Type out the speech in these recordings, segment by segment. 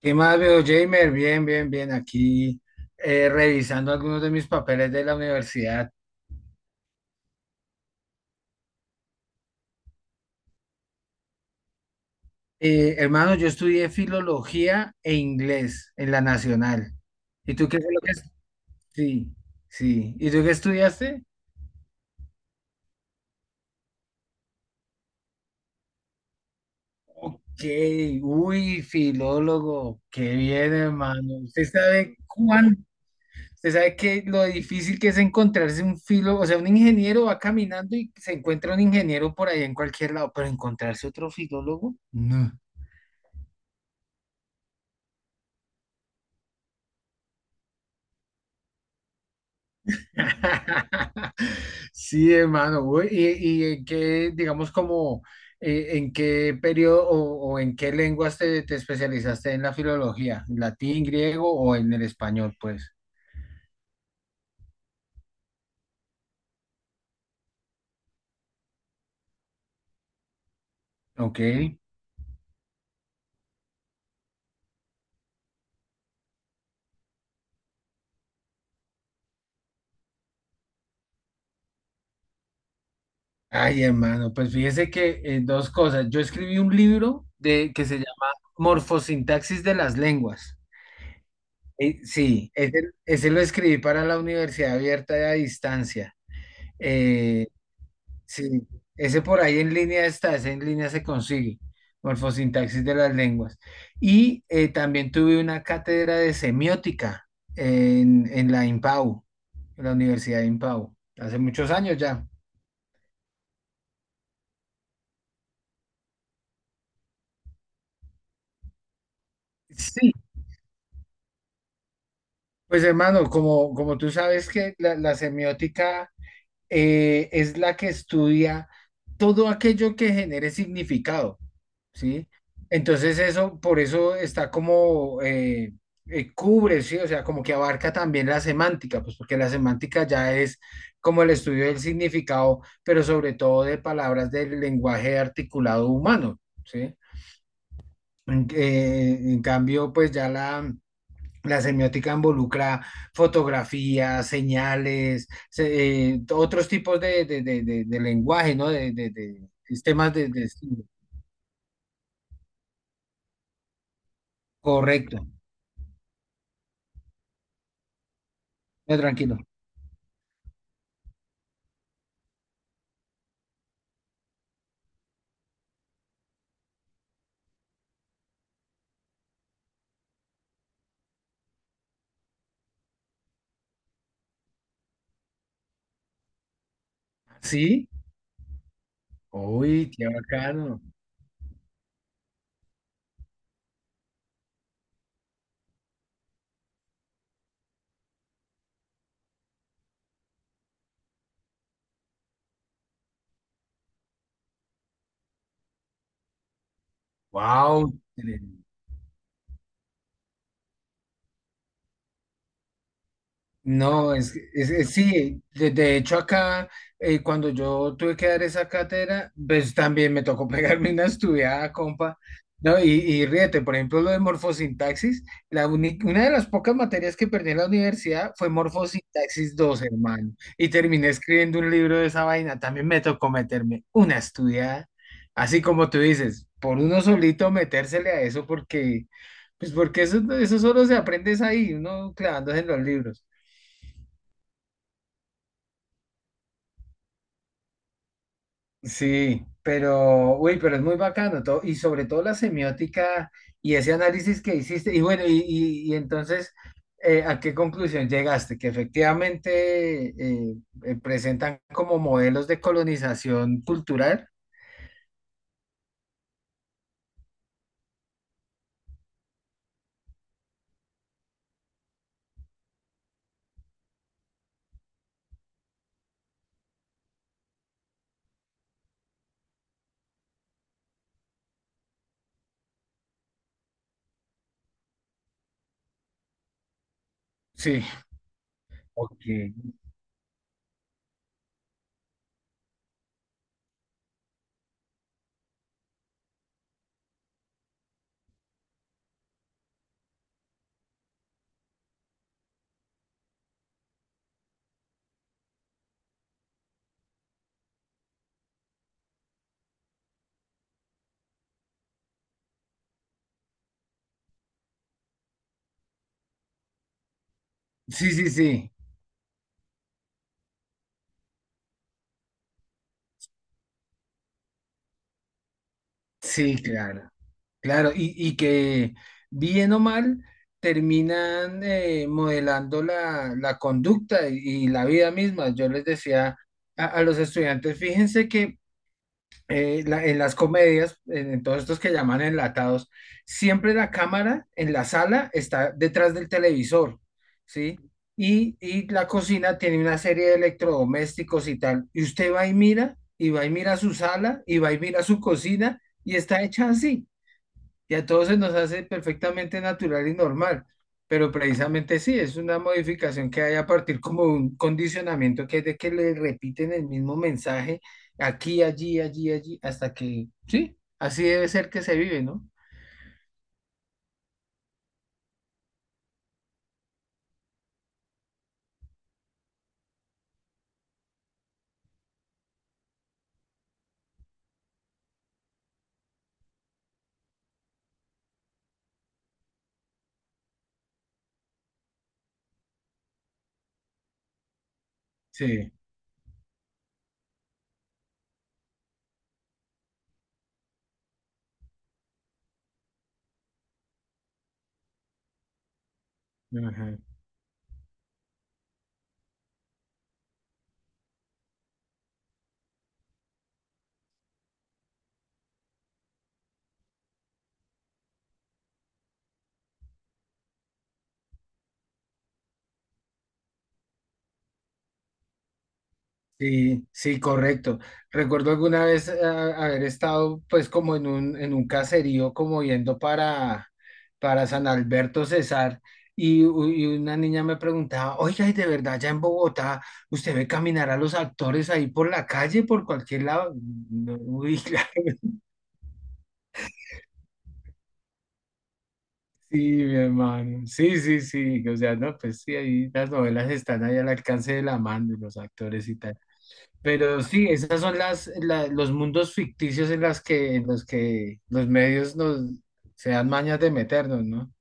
¿Qué más veo, Jamer? Bien, bien, bien. Aquí revisando algunos de mis papeles de la universidad. Hermano, yo estudié filología e inglés en la Nacional. ¿Y tú qué fue lo que... es- Sí, sí. ¿Y tú qué estudiaste? ¿Qué? Uy, filólogo. Qué bien, hermano. ¿Usted sabe cuán... Usted sabe que lo difícil que es encontrarse un filo, o sea, un ingeniero va caminando y se encuentra un ingeniero por ahí en cualquier lado, pero encontrarse otro filólogo, no. Sí, hermano. Uy, ¿y en qué, digamos, como, en qué periodo o en qué lenguas te especializaste en la filología? ¿En latín, griego o en el español, pues? Ok. Ay, hermano, pues fíjese que dos cosas. Yo escribí un libro de, que se llama Morfosintaxis de las Lenguas. Sí, ese lo escribí para la Universidad Abierta y a Distancia. Eh, Sí, ese por ahí en línea está, ese en línea se consigue, morfosintaxis de las lenguas. Y también tuve una cátedra de semiótica en la IMPAU, en la Universidad de IMPAU, hace muchos años ya. Sí, pues hermano, como, como tú sabes que la semiótica es la que estudia todo aquello que genere significado. ¿Sí? Entonces eso, por eso está como, cubre, ¿sí? O sea, como que abarca también la semántica, pues porque la semántica ya es como el estudio del significado, pero sobre todo de palabras del lenguaje articulado humano, ¿sí? En cambio, pues ya la... La semiótica involucra fotografías, señales, otros tipos de lenguaje, ¿no? De sistemas de... Correcto. No, tranquilo. ¿Sí? Uy, qué bacano. Wow. No, es, que- es- sí, de hecho acá, cuando yo tuve que dar esa cátedra, pues también me tocó pegarme una estudiada, compa, ¿no? Y ríete, por ejemplo, lo de morfosintaxis, una de las pocas materias que perdí en la universidad fue morfosintaxis 2, hermano, y terminé escribiendo un libro de esa vaina, también me tocó meterme una estudiada, así como tú dices, por uno solito metérsele a eso, porque, pues porque eso solo se aprende es ahí, uno clavándose en los libros. Sí, pero, uy, pero es muy bacano todo, y sobre todo la semiótica y ese análisis que hiciste, y bueno, y entonces, ¿a qué conclusión llegaste? Que efectivamente presentan como modelos de colonización cultural. Sí, ok. Sí, sí, sí, sí, claro. Claro, y que bien o mal terminan modelando la conducta y la vida misma. Yo les decía a los estudiantes, fíjense que en las comedias, en todos estos que llaman enlatados, siempre la cámara en la sala está detrás del televisor, ¿sí? Y la cocina tiene una serie de electrodomésticos y tal. Y usted va y mira, y va y mira su sala, y va y mira su cocina, y está hecha así y a todos se nos hace perfectamente natural y normal, pero precisamente sí, es una modificación que hay a partir como de un condicionamiento que es de que le repiten el mismo mensaje aquí, allí, allí, allí, hasta que, sí, así debe ser que se vive, ¿no? Sí. Ajá. Sí, sí, correcto. Recuerdo alguna vez haber estado pues como en un caserío como yendo para San Alberto Cesar y, y una niña me preguntaba, oiga, ¿y de verdad ya en Bogotá usted ve caminar a los actores ahí por la calle, por cualquier lado? No, uy, claro, sí, mi hermano, sí, sí, sí, o sea, no, pues sí, ahí las novelas están ahí al alcance de la mano de los actores y tal. Pero sí, esas son los mundos ficticios en las que, en los que los medios nos se dan mañas de meternos, ¿no?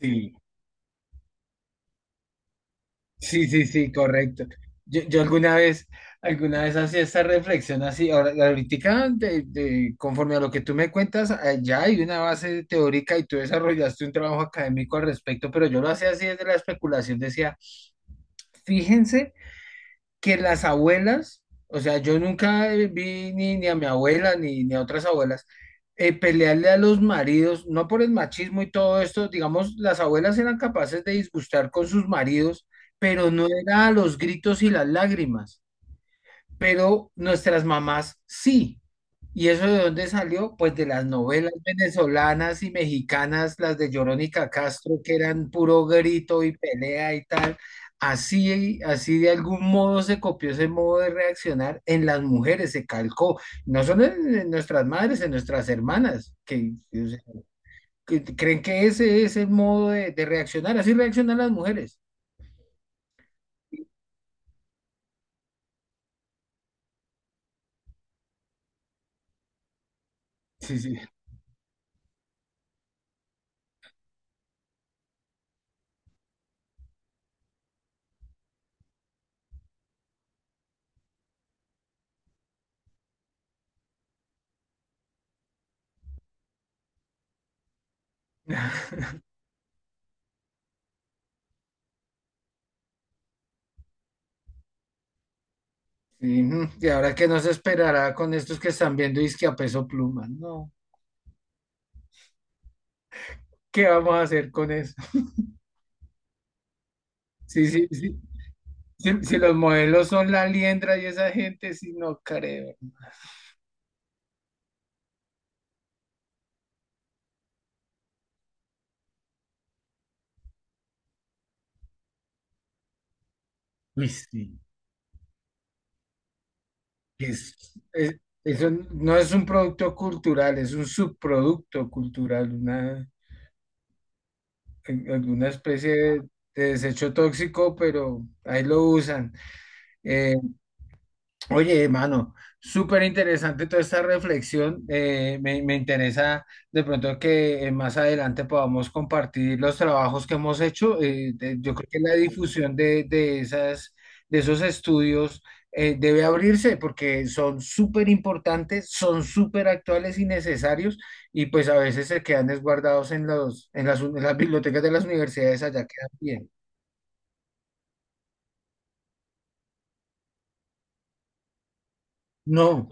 Sí, sí, sí, sí, correcto. Yo alguna vez hacía esta reflexión así, ahora, ahorita, conforme a lo que tú me cuentas, ya hay una base teórica y tú desarrollaste un trabajo académico al respecto, pero yo lo hacía así desde la especulación, decía, fíjense. Que las abuelas, o sea, yo nunca vi ni, ni a mi abuela ni, ni a otras abuelas pelearle a los maridos, no por el machismo y todo esto, digamos, las abuelas eran capaces de disgustar con sus maridos, pero no era a los gritos y las lágrimas, pero nuestras mamás sí. ¿Y eso de dónde salió? Pues de las novelas venezolanas y mexicanas, las de Verónica Castro, que eran puro grito y pelea y tal. Así, así de algún modo se copió ese modo de reaccionar en las mujeres, se calcó, no solo en nuestras madres, en nuestras hermanas, que, o sea, que creen que ese es el modo de reaccionar, así reaccionan las mujeres. Sí, sí. Sí, ujú. Y ahora que nos esperará con estos que están viendo que a peso pluma, no, ¿qué vamos a hacer con eso? Sí, sí, sí. Si, si los modelos son la liendra y esa gente, sí, no creo. Uy, sí. Es, es- eso no es un producto cultural, es un subproducto cultural, una, alguna especie de desecho tóxico, pero ahí lo usan. Eh, Oye, hermano, súper interesante toda esta reflexión. Me interesa de pronto que más adelante podamos compartir los trabajos que hemos hecho. Yo creo que la difusión de esas, de esos estudios debe abrirse porque son súper importantes, son súper actuales y necesarios y pues a veces se quedan desguardados en los, en las bibliotecas de las universidades, allá quedan bien. No,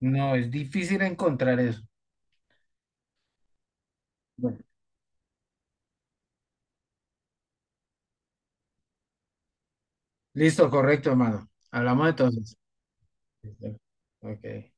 no, es difícil encontrar eso. Listo, correcto, hermano. Hablamos entonces. Listo. Ok.